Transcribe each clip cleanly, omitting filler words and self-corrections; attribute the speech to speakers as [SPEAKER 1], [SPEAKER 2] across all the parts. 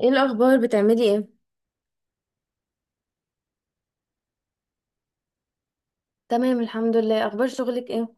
[SPEAKER 1] ايه الاخبار؟ بتعملي ايه؟ تمام، الحمد لله. اخبار شغلك ايه؟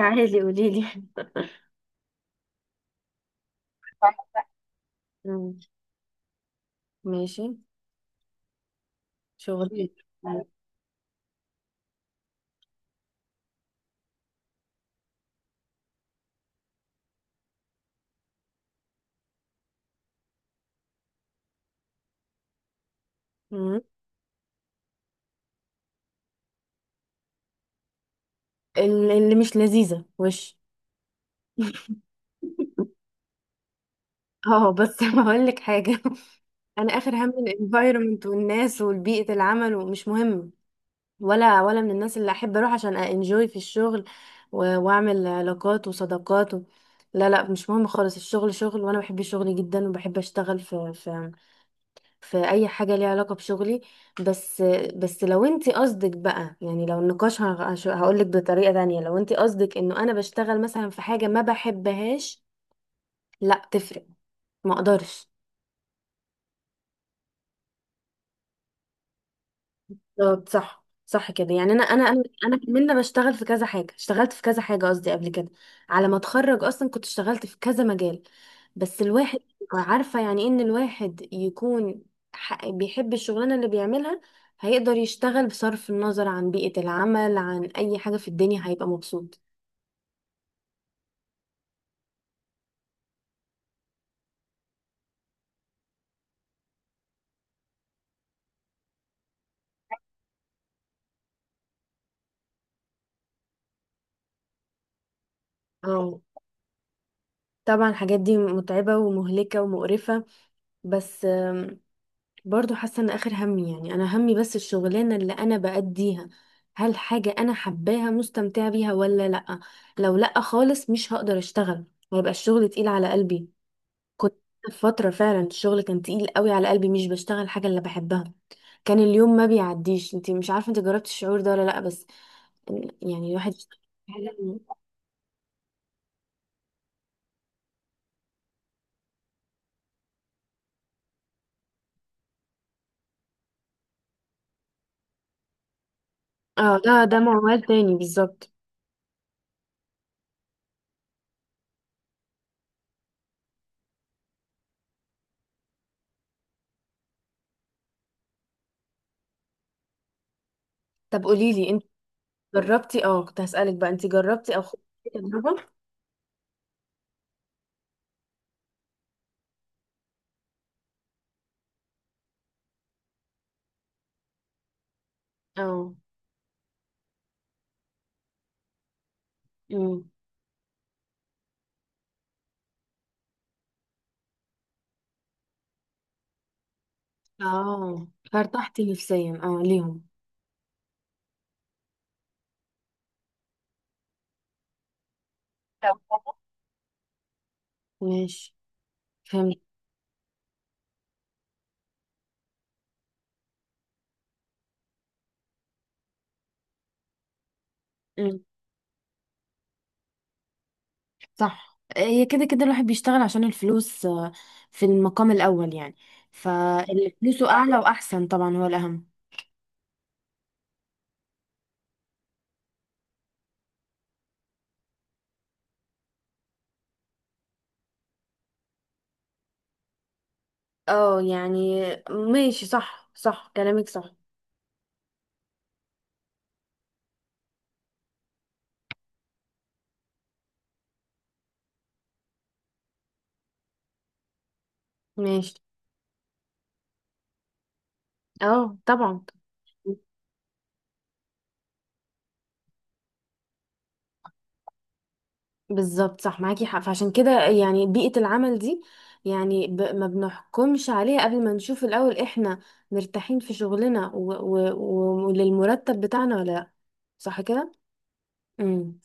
[SPEAKER 1] عادي، قولي لي. مم. ماشي. شغلي. مم. اللي مش لذيذه، وش؟ اه بس هقول لك حاجه. انا اخر هم الانفايرمنت والناس وبيئه العمل، ومش مهم. ولا من الناس اللي احب اروح عشان انجوي في الشغل. واعمل علاقات وصداقات و. لا، لا، مش مهم خالص. الشغل شغل، وانا بحب الشغل جدا وبحب اشتغل في اي حاجه ليها علاقه بشغلي. بس بس لو انت قصدك بقى، يعني لو النقاش، هقول لك بطريقه تانية. لو انت قصدك انه انا بشتغل مثلا في حاجه ما بحبهاش، لا، تفرق. ما اقدرش. بالظبط، صح صح كده. يعني انا كمان بشتغل في كذا حاجه، اشتغلت في كذا حاجه قصدي قبل كده. على ما اتخرج اصلا كنت اشتغلت في كذا مجال. بس الواحد عارفه يعني إيه ان الواحد يكون بيحب الشغلانه اللي بيعملها، هيقدر يشتغل بصرف النظر عن بيئه العمل، عن اي حاجه في الدنيا، هيبقى مبسوط. اه، طبعا الحاجات دي متعبه ومهلكه ومقرفه. بس برضو حاسه ان اخر همي، يعني انا همي بس الشغلانه اللي انا بأديها، هل حاجه انا حباها، مستمتعه بيها ولا لا؟ لو لا خالص مش هقدر اشتغل، ويبقى الشغل تقيل على قلبي. كنت في فتره فعلا الشغل كان تقيل قوي على قلبي، مش بشتغل الحاجه اللي بحبها. كان اليوم ما بيعديش. انت مش عارفه، انت جربتي الشعور ده ولا لا؟ بس يعني الواحد يشتغل في حاجة- اه، ده موال تاني بالظبط. طب قولي لي انت جربتي؟ اه، كنت هسألك بقى، انت جربتي او خدتي تجربه؟ اه. امم. اه. ارتحتي نفسيا ليهم؟ ماشي. فهمت. أمم. صح، هي كده كده الواحد بيشتغل عشان الفلوس في المقام الأول يعني. فاللي فلوسه أعلى وأحسن طبعا هو الأهم. اه، يعني ماشي، صح صح، كلامك صح. ماشي. اه، طبعا. بالظبط، صح، معاكي حق. فعشان كده يعني بيئة العمل دي، يعني ما بنحكمش عليها قبل ما نشوف الأول احنا مرتاحين في شغلنا وللمرتب بتاعنا ولا لا، صح كده؟ امم.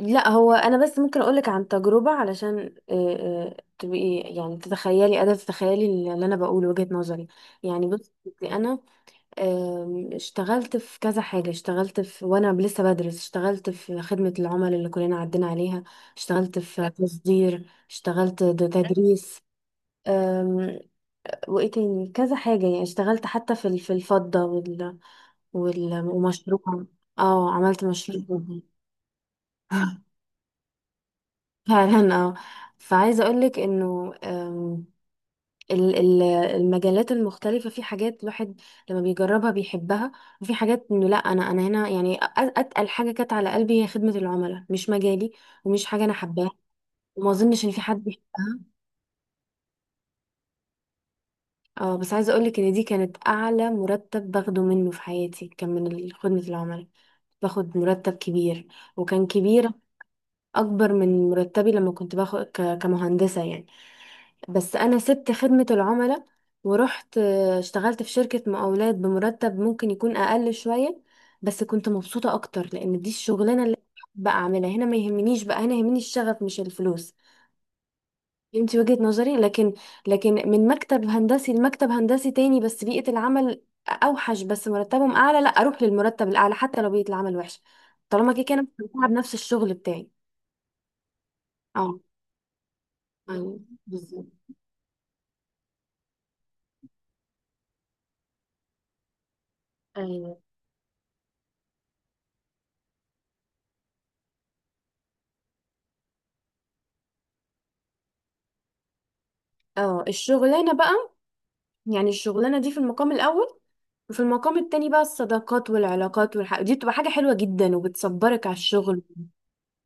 [SPEAKER 1] لا، هو أنا بس ممكن أقولك عن تجربة علشان تبقي يعني تتخيلي، قادرة تتخيلي اللي أنا بقوله وجهة نظري. يعني بصي، أنا اشتغلت في كذا حاجة، اشتغلت في وانا لسه بدرس، اشتغلت في خدمة العملاء اللي كلنا عدينا عليها. اشتغلت في تصدير، اشتغلت تدريس. أم، وايه تاني كذا حاجة، يعني اشتغلت حتى في الفضة وال، ومشروع. اه، عملت مشروع. فعلا، اه. فعايزة اقولك انه ال- ال- المجالات المختلفة، في حاجات الواحد لما بيجربها بيحبها، وفي حاجات انه لا. انا هنا يعني اتقل حاجة كانت على قلبي هي خدمة العملاء، مش مجالي. ومش حاجة انا حباها، وما اظنش ان في حد بيحبها. اه، بس عايزة اقولك ان دي كانت اعلى مرتب باخده منه في حياتي، كان من خدمة العملاء. باخد مرتب كبير، وكان كبير، اكبر من مرتبي لما كنت باخد كمهندسة يعني. بس انا سبت خدمة العملاء ورحت اشتغلت في شركة مقاولات بمرتب ممكن يكون اقل شوية، بس كنت مبسوطة اكتر لان دي الشغلانة اللي بقى اعملها. هنا ما يهمنيش، بقى هنا يهمني الشغف مش الفلوس. انت وجهة نظري، لكن لكن من مكتب هندسي لمكتب هندسي تاني بس بيئة العمل اوحش بس مرتبهم اعلى، لا، اروح للمرتب الاعلى حتى لو بيئة العمل وحشة، طالما كده كده انا مستمتعة بنفس الشغل بتاعي. اه، أيوة، بالظبط. ايوه. اه، الشغلانة بقى، يعني الشغلانة دي في المقام الأول، وفي المقام التاني بقى الصداقات والعلاقات دي بتبقى حاجة حلوة جدا وبتصبرك على الشغل،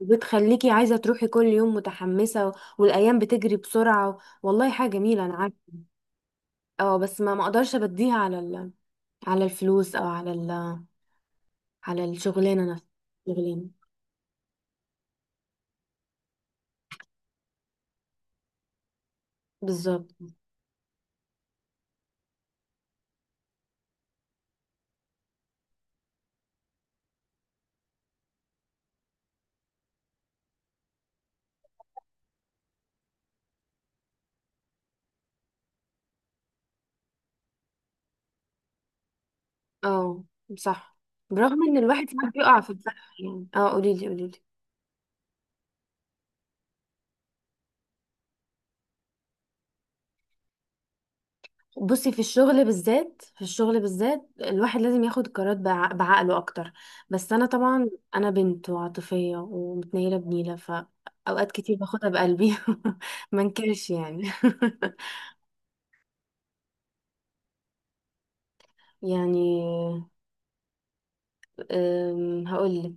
[SPEAKER 1] وبتخليكي عايزة تروحي كل يوم متحمسة والأيام بتجري بسرعة. والله حاجة جميلة، أنا عارفة. اه، بس ما مقدرش أبديها على على الفلوس، أو على على الشغلانة نفسها. الشغلانة. بالظبط. اه، صح. برغم إن الواحد ساعات بيقع في الصح يعني. اه، قوليلي قوليلي. بصي، في الشغل بالذات في الشغل بالذات الواحد لازم ياخد قرارات بعقله اكتر. بس انا طبعا انا بنت وعاطفية ومتنيلة بنيلة، فاوقات كتير باخدها بقلبي. ما انكرش يعني. يعني هقولك،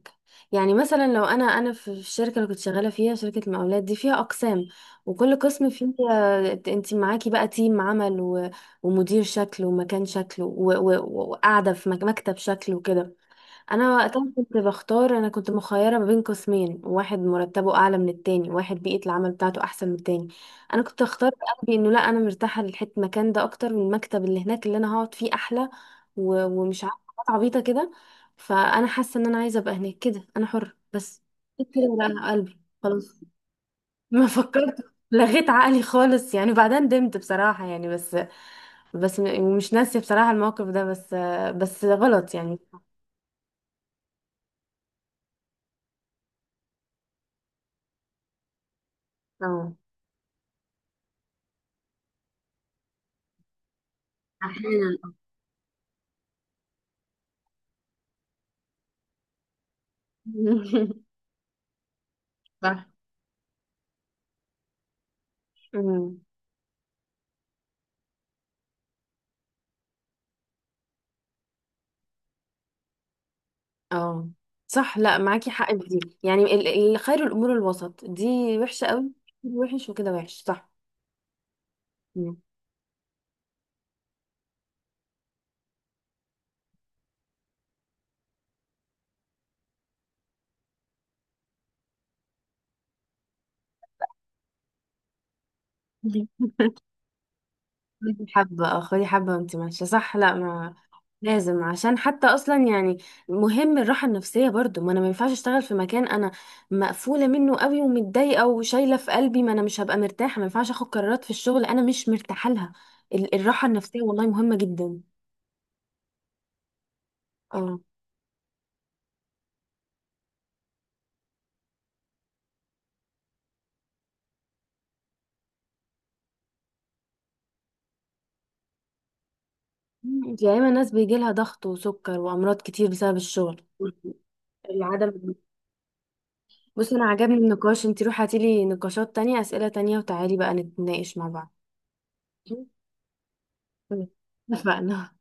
[SPEAKER 1] يعني مثلا، لو انا في الشركه اللي كنت شغاله فيها، شركه المقاولات دي فيها اقسام وكل قسم فيه، انت معاكي بقى تيم عمل ومدير شكل ومكان شكل وقاعده في مكتب شكل وكده. انا وقتها كنت بختار، انا كنت مخيره ما بين قسمين. واحد مرتبه اعلى من التاني، واحد بيئه العمل بتاعته احسن من التاني. انا كنت اختار قلبي، انه لا، انا مرتاحه للحته المكان ده اكتر من المكتب. اللي هناك اللي انا هقعد فيه احلى ومش عارفه، حاجات عبيطه كده. فانا حاسه ان انا عايزه ابقى هناك كده، انا حره بس. كده ورقه قلبي خلاص. ما فكرت، لغيت عقلي خالص يعني. بعدين ندمت بصراحه يعني، بس بس مش ناسيه بصراحه الموقف ده، بس بس غلط يعني. اه، احيانا. صح. مم. اه، صح. لا، معاكي حق في دي يعني خير الامور الوسط دي وحشه قوي. وحش، وكده وحش، صح. مم. خدي حبه، اه، خدي حبه وانت ماشيه، صح. لا، ما لازم عشان حتى اصلا يعني مهم الراحه النفسيه برضو. ما انا ما ينفعش اشتغل في مكان انا مقفوله منه قوي ومتضايقه وشايله في قلبي، ما انا مش هبقى مرتاحه. ما ينفعش اخد قرارات في الشغل انا مش مرتاحه لها. الراحه النفسيه والله مهمه جدا. اه، انت يا اما ناس بيجي لها ضغط وسكر وامراض كتير بسبب الشغل. العدم. بصي، انا عجبني النقاش. انت روحي هاتيلي نقاشات تانية، اسئلة تانية، وتعالي بقى نتناقش مع بعض. مم. اتفقنا.